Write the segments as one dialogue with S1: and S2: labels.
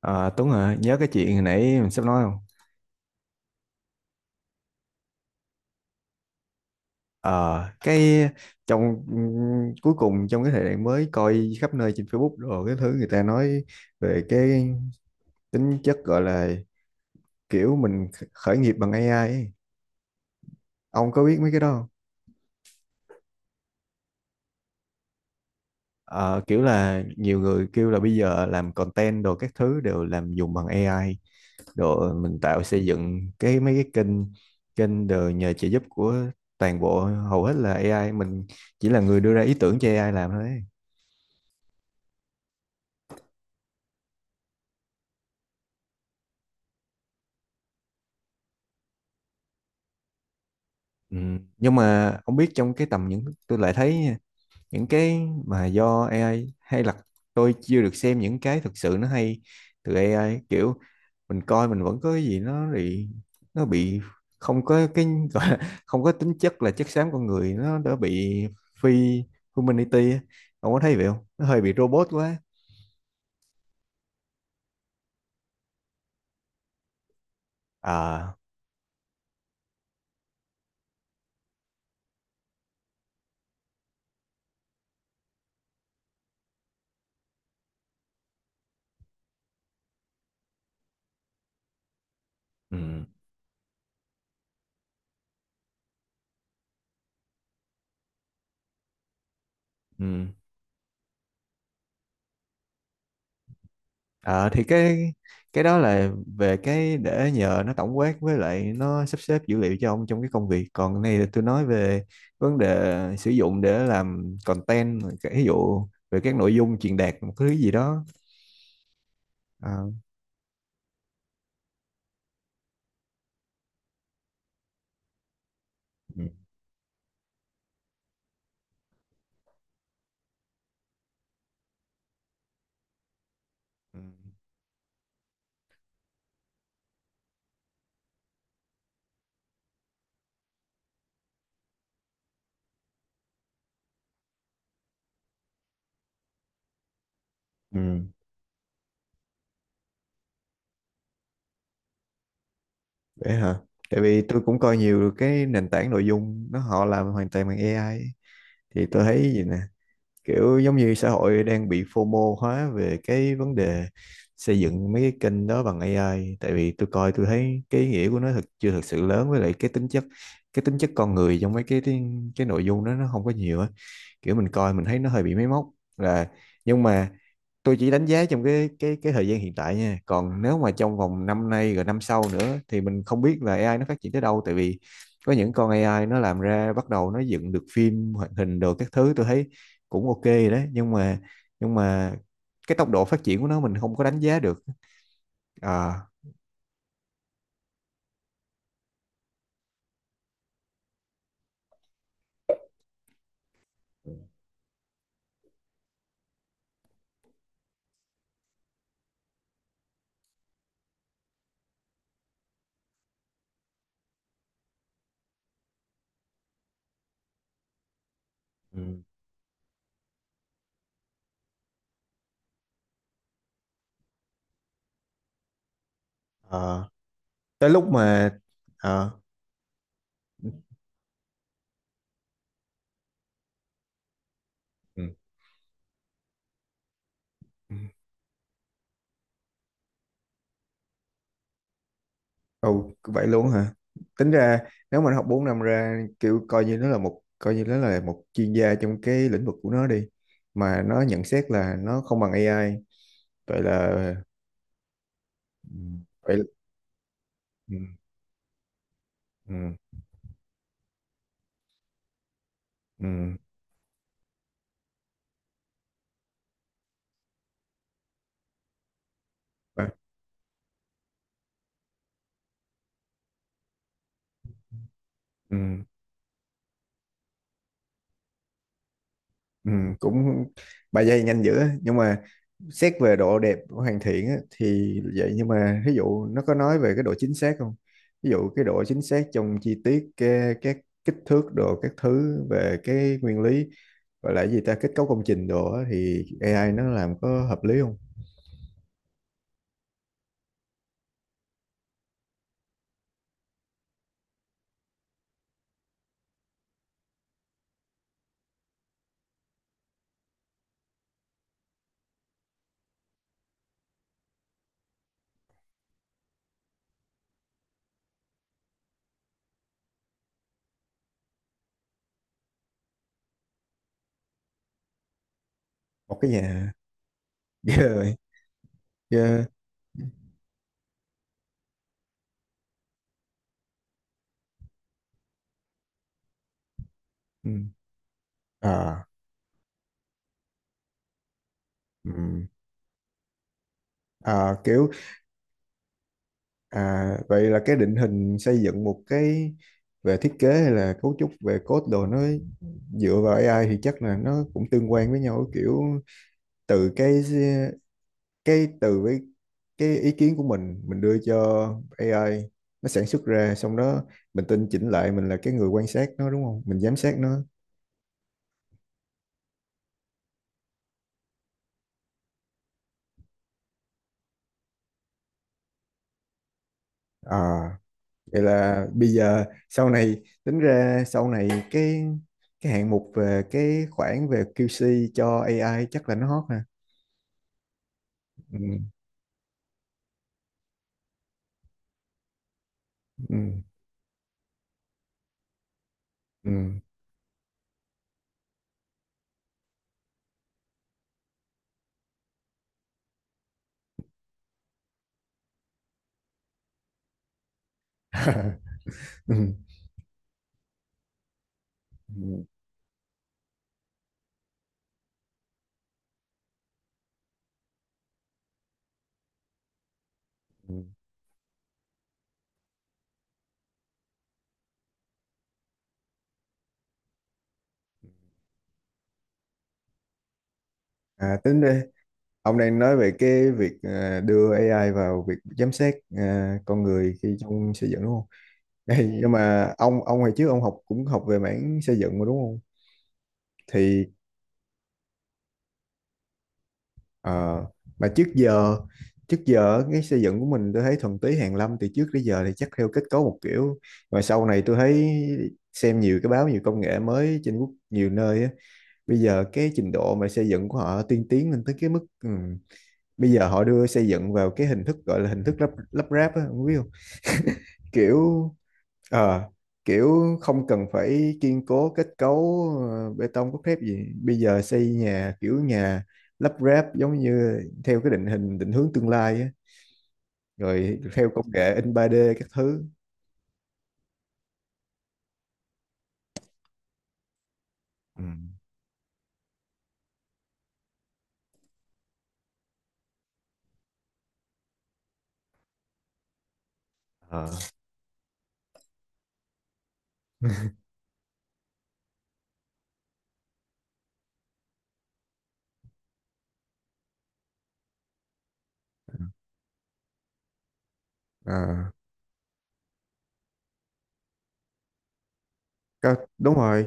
S1: Ờ, Tuấn hả? Nhớ cái chuyện hồi nãy mình sắp nói không? Ờ, cái trong cuối cùng trong cái thời đại mới, coi khắp nơi trên Facebook rồi cái thứ người ta nói về cái tính chất, gọi là kiểu mình khởi nghiệp bằng AI ấy. Ông có biết mấy cái đó không? Ờ, kiểu là nhiều người kêu là bây giờ làm content đồ các thứ đều làm dùng bằng AI, đồ mình tạo xây dựng cái mấy cái kênh kênh đều nhờ trợ giúp của toàn bộ, hầu hết là AI, mình chỉ là người đưa ra ý tưởng cho AI làm thôi. Ừ. Nhưng mà không biết, trong cái tầm những, tôi lại thấy nha, những cái mà do AI hay là tôi chưa được xem những cái thực sự nó hay từ AI, kiểu mình coi mình vẫn có cái gì nó bị không có cái gọi là không có tính chất là chất xám con người, nó đã bị phi humanity á. Ông có thấy vậy không? Nó hơi bị robot quá. À, ừ, ừ. Ờ thì cái đó là về cái để nhờ nó tổng quát với lại nó sắp xếp dữ liệu cho ông trong cái công việc. Còn cái này là tôi nói về vấn đề sử dụng để làm content, cái ví dụ về các nội dung truyền đạt một cái thứ gì đó. À, ừ. Ừ, ừ, vậy hả? Tại vì tôi cũng coi nhiều cái nền tảng nội dung nó, họ làm hoàn toàn bằng AI ấy. Thì tôi thấy gì nè, kiểu giống như xã hội đang bị FOMO hóa về cái vấn đề xây dựng mấy cái kênh đó bằng AI, tại vì tôi coi tôi thấy cái ý nghĩa của nó thực chưa thực sự lớn, với lại cái tính chất con người trong mấy cái nội dung đó nó không có nhiều á, kiểu mình coi mình thấy nó hơi bị máy móc là nhưng mà tôi chỉ đánh giá trong cái thời gian hiện tại nha, còn nếu mà trong vòng năm nay rồi năm sau nữa thì mình không biết là AI nó phát triển tới đâu, tại vì có những con AI nó làm ra bắt đầu nó dựng được phim hoạt hình đồ các thứ, tôi thấy cũng ok rồi đấy, nhưng mà cái tốc độ phát triển của nó mình không có đánh giá được. Ờ, ừ, ờ, tới lúc mà, ờ, ừ, ừ. Ồ, vậy luôn hả? Tính ra nếu mà nó học 4 năm ra, kiểu coi như nó là một coi như nó là một chuyên gia trong cái lĩnh vực của nó đi, mà nó nhận xét là nó không bằng AI, vậy là ừ, vậy là, ừ, ừ, ừ, ba- ừ, ừ, cũng 3 giây nhanh dữ á. Nhưng mà xét về độ đẹp của hoàn thiện á, thì vậy, nhưng mà ví dụ nó có nói về cái độ chính xác không? Ví dụ cái độ chính xác trong chi tiết cái, các kích thước đồ các thứ, về cái nguyên lý gọi là cái gì ta, kết cấu công trình đồ á, thì AI nó làm có hợp lý không? Một cái nhà. Ghê rồi, ghê. Ừ. À, ừ. À, kiểu, à, vậy là cái định hình xây dựng một cái về thiết kế hay là cấu trúc về code đồ, nó dựa vào AI thì chắc là nó cũng tương quan với nhau, kiểu từ cái từ với cái ý kiến của mình đưa cho AI, nó sản xuất ra xong đó mình tinh chỉnh lại, mình là cái người quan sát nó đúng không, mình giám sát nó. À, vậy là bây giờ sau này, tính ra sau này cái hạng mục về cái khoản về QC cho AI chắc là nó hot ha. Ừ, ừ, ừ. Ừ, ừ, ừ. À, tính ra ông đang nói về cái việc, à, đưa AI vào việc giám sát, à, con người khi trong xây dựng đúng không? Đây, nhưng mà ông hồi trước ông học cũng học về mảng xây dựng mà đúng không? Thì, Ờ, mà trước giờ cái xây dựng của mình tôi thấy thuần túy hàn lâm, từ trước tới giờ thì chắc theo kết cấu một kiểu, mà sau này tôi thấy xem nhiều cái báo, nhiều công nghệ mới trên quốc, nhiều nơi á, bây giờ cái trình độ mà xây dựng của họ tiên tiến lên tới cái mức, ừ, bây giờ họ đưa xây dựng vào cái hình thức, gọi là hình thức lắp lắp ráp á, không biết không, kiểu. Ờ, Kiểu không cần phải kiên cố kết cấu, bê tông cốt thép gì. Bây giờ xây nhà kiểu nhà lắp ráp giống như theo cái định hình định hướng tương lai á, rồi theo công nghệ in 3D các thứ. Ừ. Ờ. Ờ, có, đúng rồi,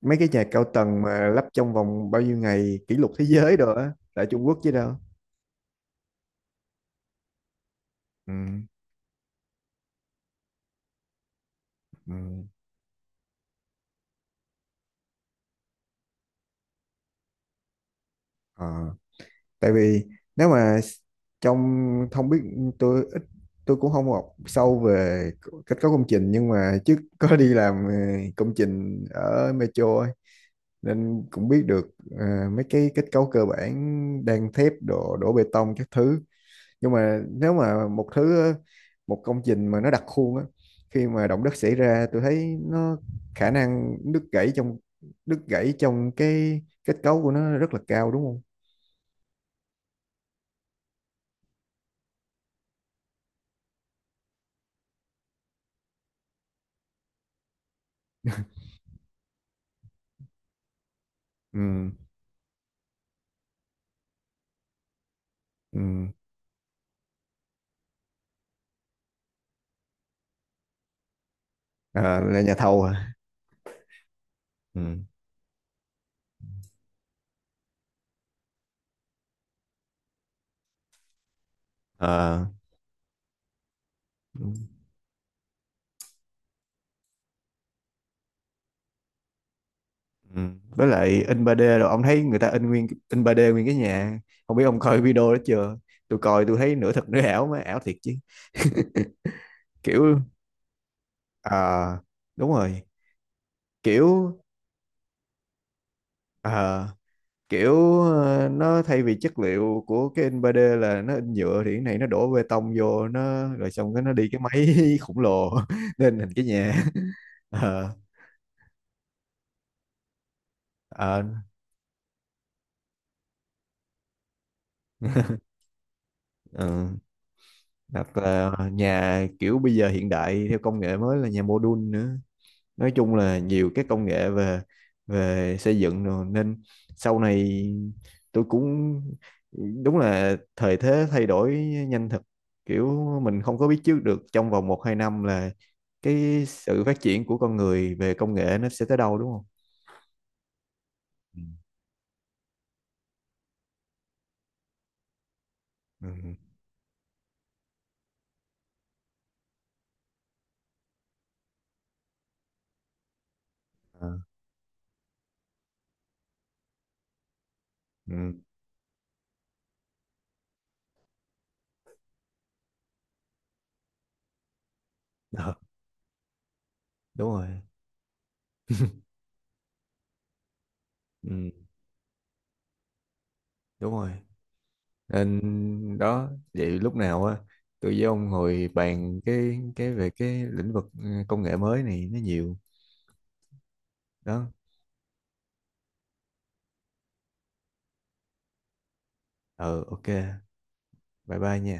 S1: mấy cái nhà cao tầng mà lắp trong vòng bao nhiêu ngày kỷ lục thế giới rồi á, tại Trung Quốc chứ đâu. Ừ. Ừ. Ờ. Tại vì nếu mà trong, không biết, tôi ít, tôi cũng không học sâu về kết cấu công trình, nhưng mà trước có đi làm, công trình ở metro ấy, nên cũng biết được, mấy cái kết cấu cơ bản, đan thép đổ đổ bê tông các thứ, nhưng mà nếu mà một công trình mà nó đặc khuôn á, khi mà động đất xảy ra tôi thấy nó khả năng đứt gãy trong cái kết cấu của nó rất là cao đúng không? Ừ, ừ. Ờ, là nhà thầu hả? Ừ. Ờ, ừ. Với lại in 3D rồi ông thấy người ta in nguyên, in 3D nguyên cái nhà. Không biết ông coi video đó chưa? Tôi coi tôi thấy nửa thật nửa ảo mà ảo thiệt chứ. Kiểu À, đúng rồi, kiểu à kiểu nó thay vì chất liệu của cái in 3D là nó in nhựa thì cái này nó đổ bê tông vô nó rồi xong cái nó đi cái máy khổng lồ nên hình cái nhà. Ờ, ờ. Ừ. Đặt là nhà kiểu bây giờ hiện đại theo công nghệ mới là nhà mô đun nữa, nói chung là nhiều cái công nghệ về về xây dựng rồi, nên sau này tôi cũng, đúng là thời thế thay đổi nhanh thật, kiểu mình không có biết trước được trong vòng một hai năm là cái sự phát triển của con người về công nghệ nó sẽ tới đâu đúng không? Ừ. Ừ. Ờ. Ừ. Ờ, đúng rồi. Ừ, đúng rồi, nên đó vậy lúc nào á tôi với ông ngồi bàn cái về cái lĩnh vực, ừ, công nghệ mới này nó nhiều đó. Ờ, ok, bye bye nha.